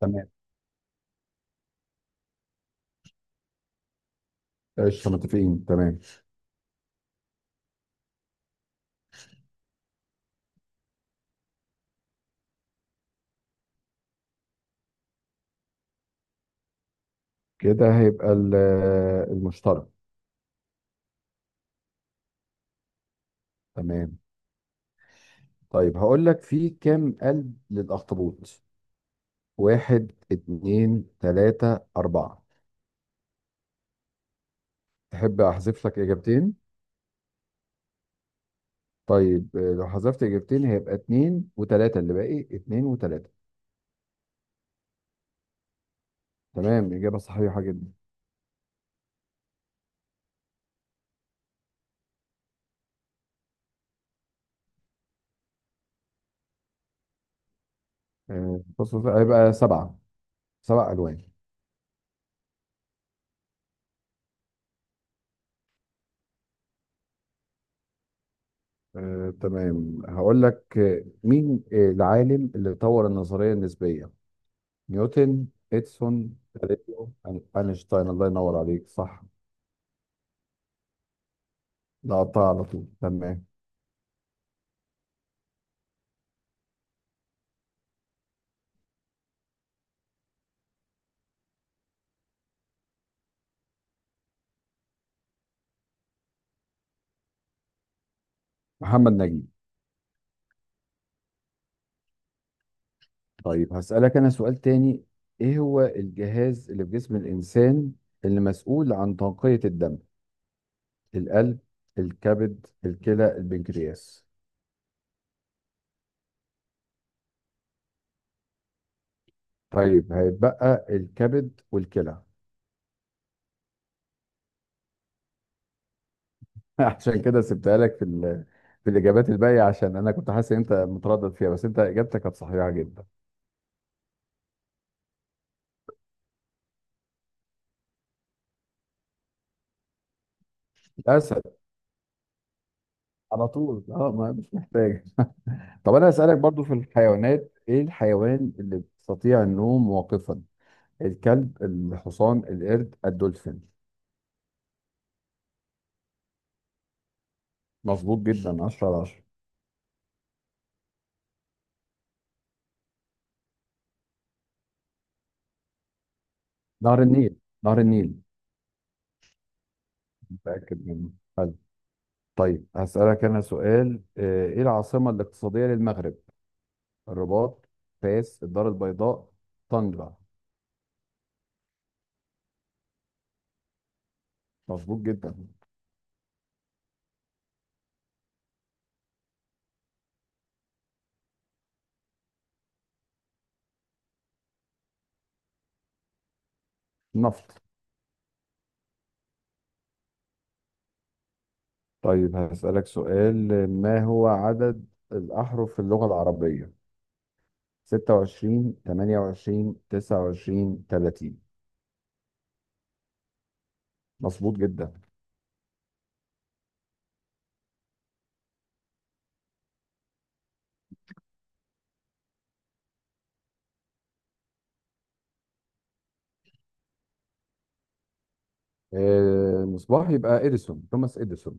تمام قشطة متفقين تمام. كده هيبقى المشترك. تمام. طيب هقول لك في كام قلب للأخطبوط؟ واحد، اتنين، تلاتة، أربعة. تحب أحذف لك إجابتين؟ طيب لو حذفت إجابتين هيبقى اتنين وتلاتة، اللي باقي اتنين وتلاتة. تمام، إجابة صحيحة جدا. بص بص، هيبقى سبعة. سبع ألوان. تمام، هقول لك مين العالم اللي طور النظرية النسبية؟ نيوتن، اديسون، galileo، اينشتاين. الله ينور عليك. صح. لا، قطع على طول، تمام. محمد نجيب. طيب هسألك انا سؤال تاني. ايه هو الجهاز اللي في جسم الانسان اللي مسؤول عن تنقية الدم؟ القلب، الكبد، الكلى، البنكرياس. طيب هيتبقى الكبد والكلى. عشان كده سبتها لك في في الاجابات الباقيه، عشان انا كنت حاسس ان انت متردد فيها، بس انت اجابتك كانت صحيحه جدا. الاسد. على طول، ما مش محتاج. طب انا اسالك برضو في الحيوانات، ايه الحيوان اللي بيستطيع النوم واقفا؟ الكلب، الحصان، القرد، الدولفين. مظبوط جدا، 10 على 10. نهر النيل. نهر النيل، متاكد منه. حلو. طيب هسالك انا سؤال. ايه العاصمه الاقتصاديه للمغرب؟ الرباط، فاس، الدار البيضاء، طنجة. مظبوط جدا. نفط. طيب هسالك سؤال. ما هو عدد الاحرف في اللغه العربيه؟ ستة وعشرين، تمانية وعشرين، تسعة وعشرين، تلاتين. مظبوط جدا. مصباح يبقى توماس إديسون.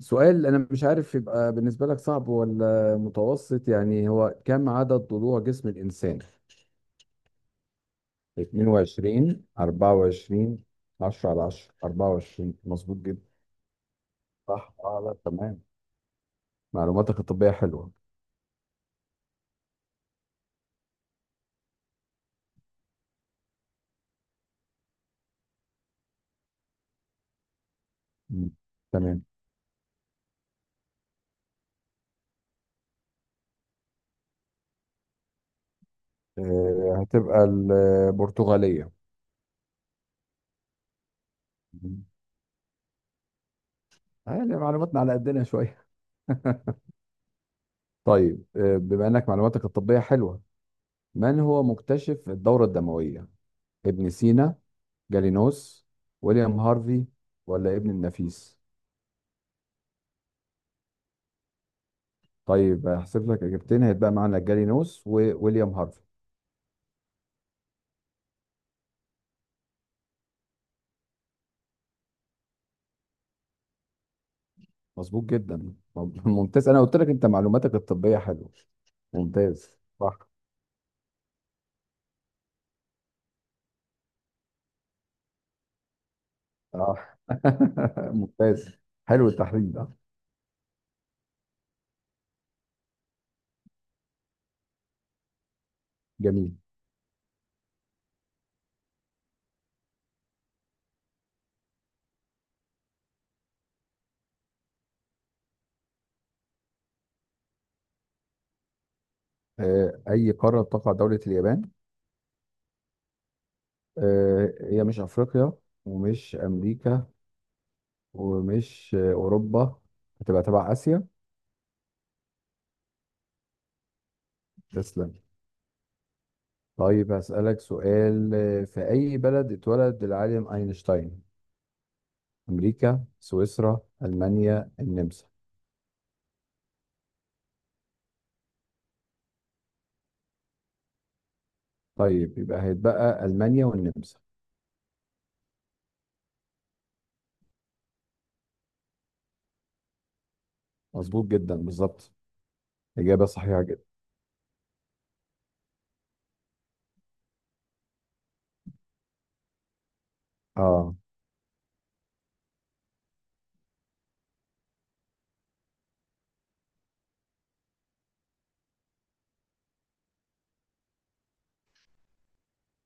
سؤال أنا مش عارف يبقى بالنسبة لك صعب ولا متوسط، يعني هو كم عدد ضلوع جسم الإنسان؟ 22، 24. 10 على 10، 24، مظبوط جدا. صح، لا تمام. معلوماتك الطبية حلوة. مم. تمام. هتبقى البرتغالية. مم. يعني معلوماتنا على قدنا شوية. طيب بما انك معلوماتك الطبية حلوة، من هو مكتشف الدورة الدموية؟ ابن سينا، جالينوس، ويليام هارفي، ولا ابن النفيس. طيب هحسب لك اجابتين، هيتبقى معانا جالينوس وويليام هارفي. مظبوط جدا، ممتاز، انا قلت لك انت معلوماتك الطبية حلوة. ممتاز. صح. اه ممتاز. حلو التحليل ده. جميل. اي قارة تقع دولة اليابان؟ هي مش افريقيا، ومش امريكا، ومش أوروبا. هتبقى تبع آسيا. تسلم. طيب هسألك سؤال. في أي بلد اتولد العالم أينشتاين؟ أمريكا، سويسرا، ألمانيا، النمسا. طيب يبقى هيتبقى ألمانيا والنمسا. مظبوط جدا، بالظبط. إجابة صحيحة جدا. آه،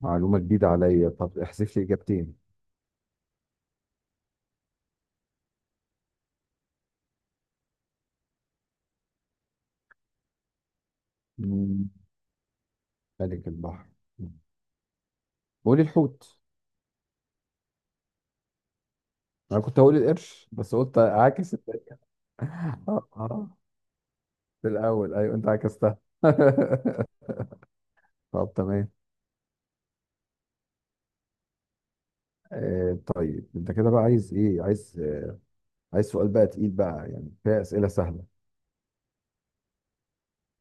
معلومة جديدة عليا، طب احذف لي إجابتين. مم، ملك البحر. قولي الحوت. أنا كنت هقول القرش، بس قلت أعاكس آه، آه، في الأول، أيوه، أنت عكستها. طب تمام. آه، طيب انت كده بقى عايز ايه، عايز سؤال بقى تقيل بقى، يعني فيها اسئله سهله.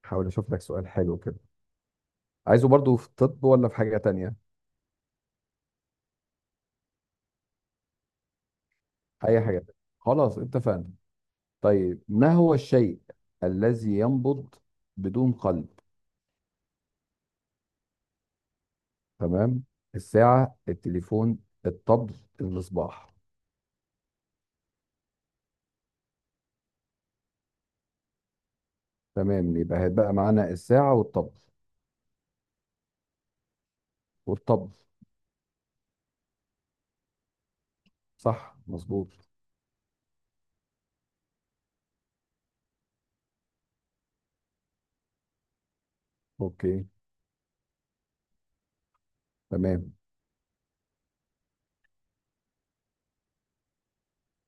حاول اشوف لك سؤال حلو كده. عايزه برضو في الطب ولا في حاجه تانية؟ اي حاجه تانية. خلاص، اتفقنا. طيب ما هو الشيء الذي ينبض بدون قلب؟ تمام. الساعه، التليفون، الطبل، الصباح. تمام، يبقى هيبقى معانا الساعه والطبل. والطبل. صح، مظبوط. اوكي. تمام.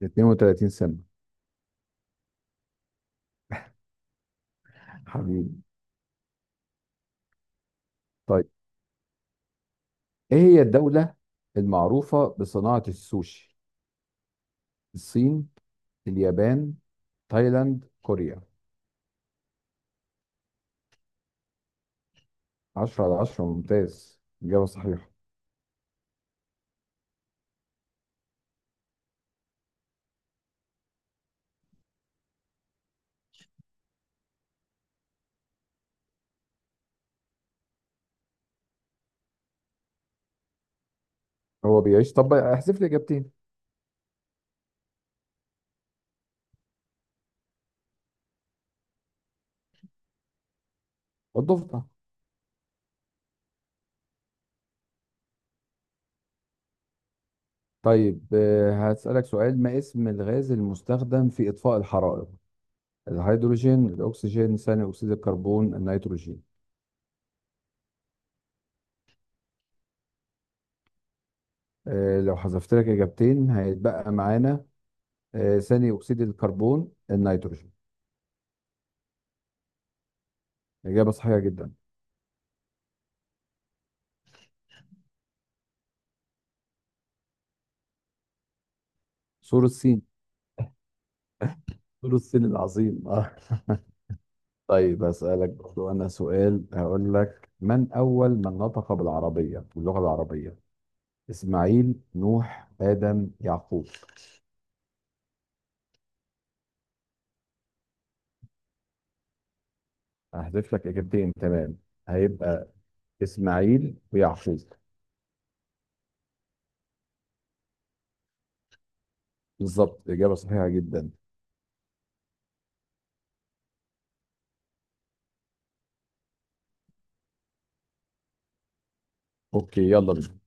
32 سنه. حبيبي. طيب ايه هي الدولة المعروفة بصناعة السوشي؟ الصين، اليابان، تايلاند، كوريا. 10 على 10، ممتاز. إجابة صحيحة. هو بيعيش، طب احذف لي إجابتين. الضفدع. طيب هسألك سؤال. ما اسم الغاز المستخدم في إطفاء الحرائق؟ الهيدروجين، الأكسجين، ثاني أكسيد الكربون، النيتروجين. لو حذفت لك إجابتين هيتبقى معانا ثاني أكسيد الكربون، النيتروجين. إجابة صحيحة جدا. سور الصين سور الصين العظيم. طيب أسألك برضو أنا سؤال. هقول لك من أول من نطق باللغة العربية؟ إسماعيل، نوح، آدم، يعقوب. هحذف لك إجابتين. تمام هيبقى إسماعيل ويعقوب. بالظبط، إجابة صحيحة جدا. أوكي، يلا بينا.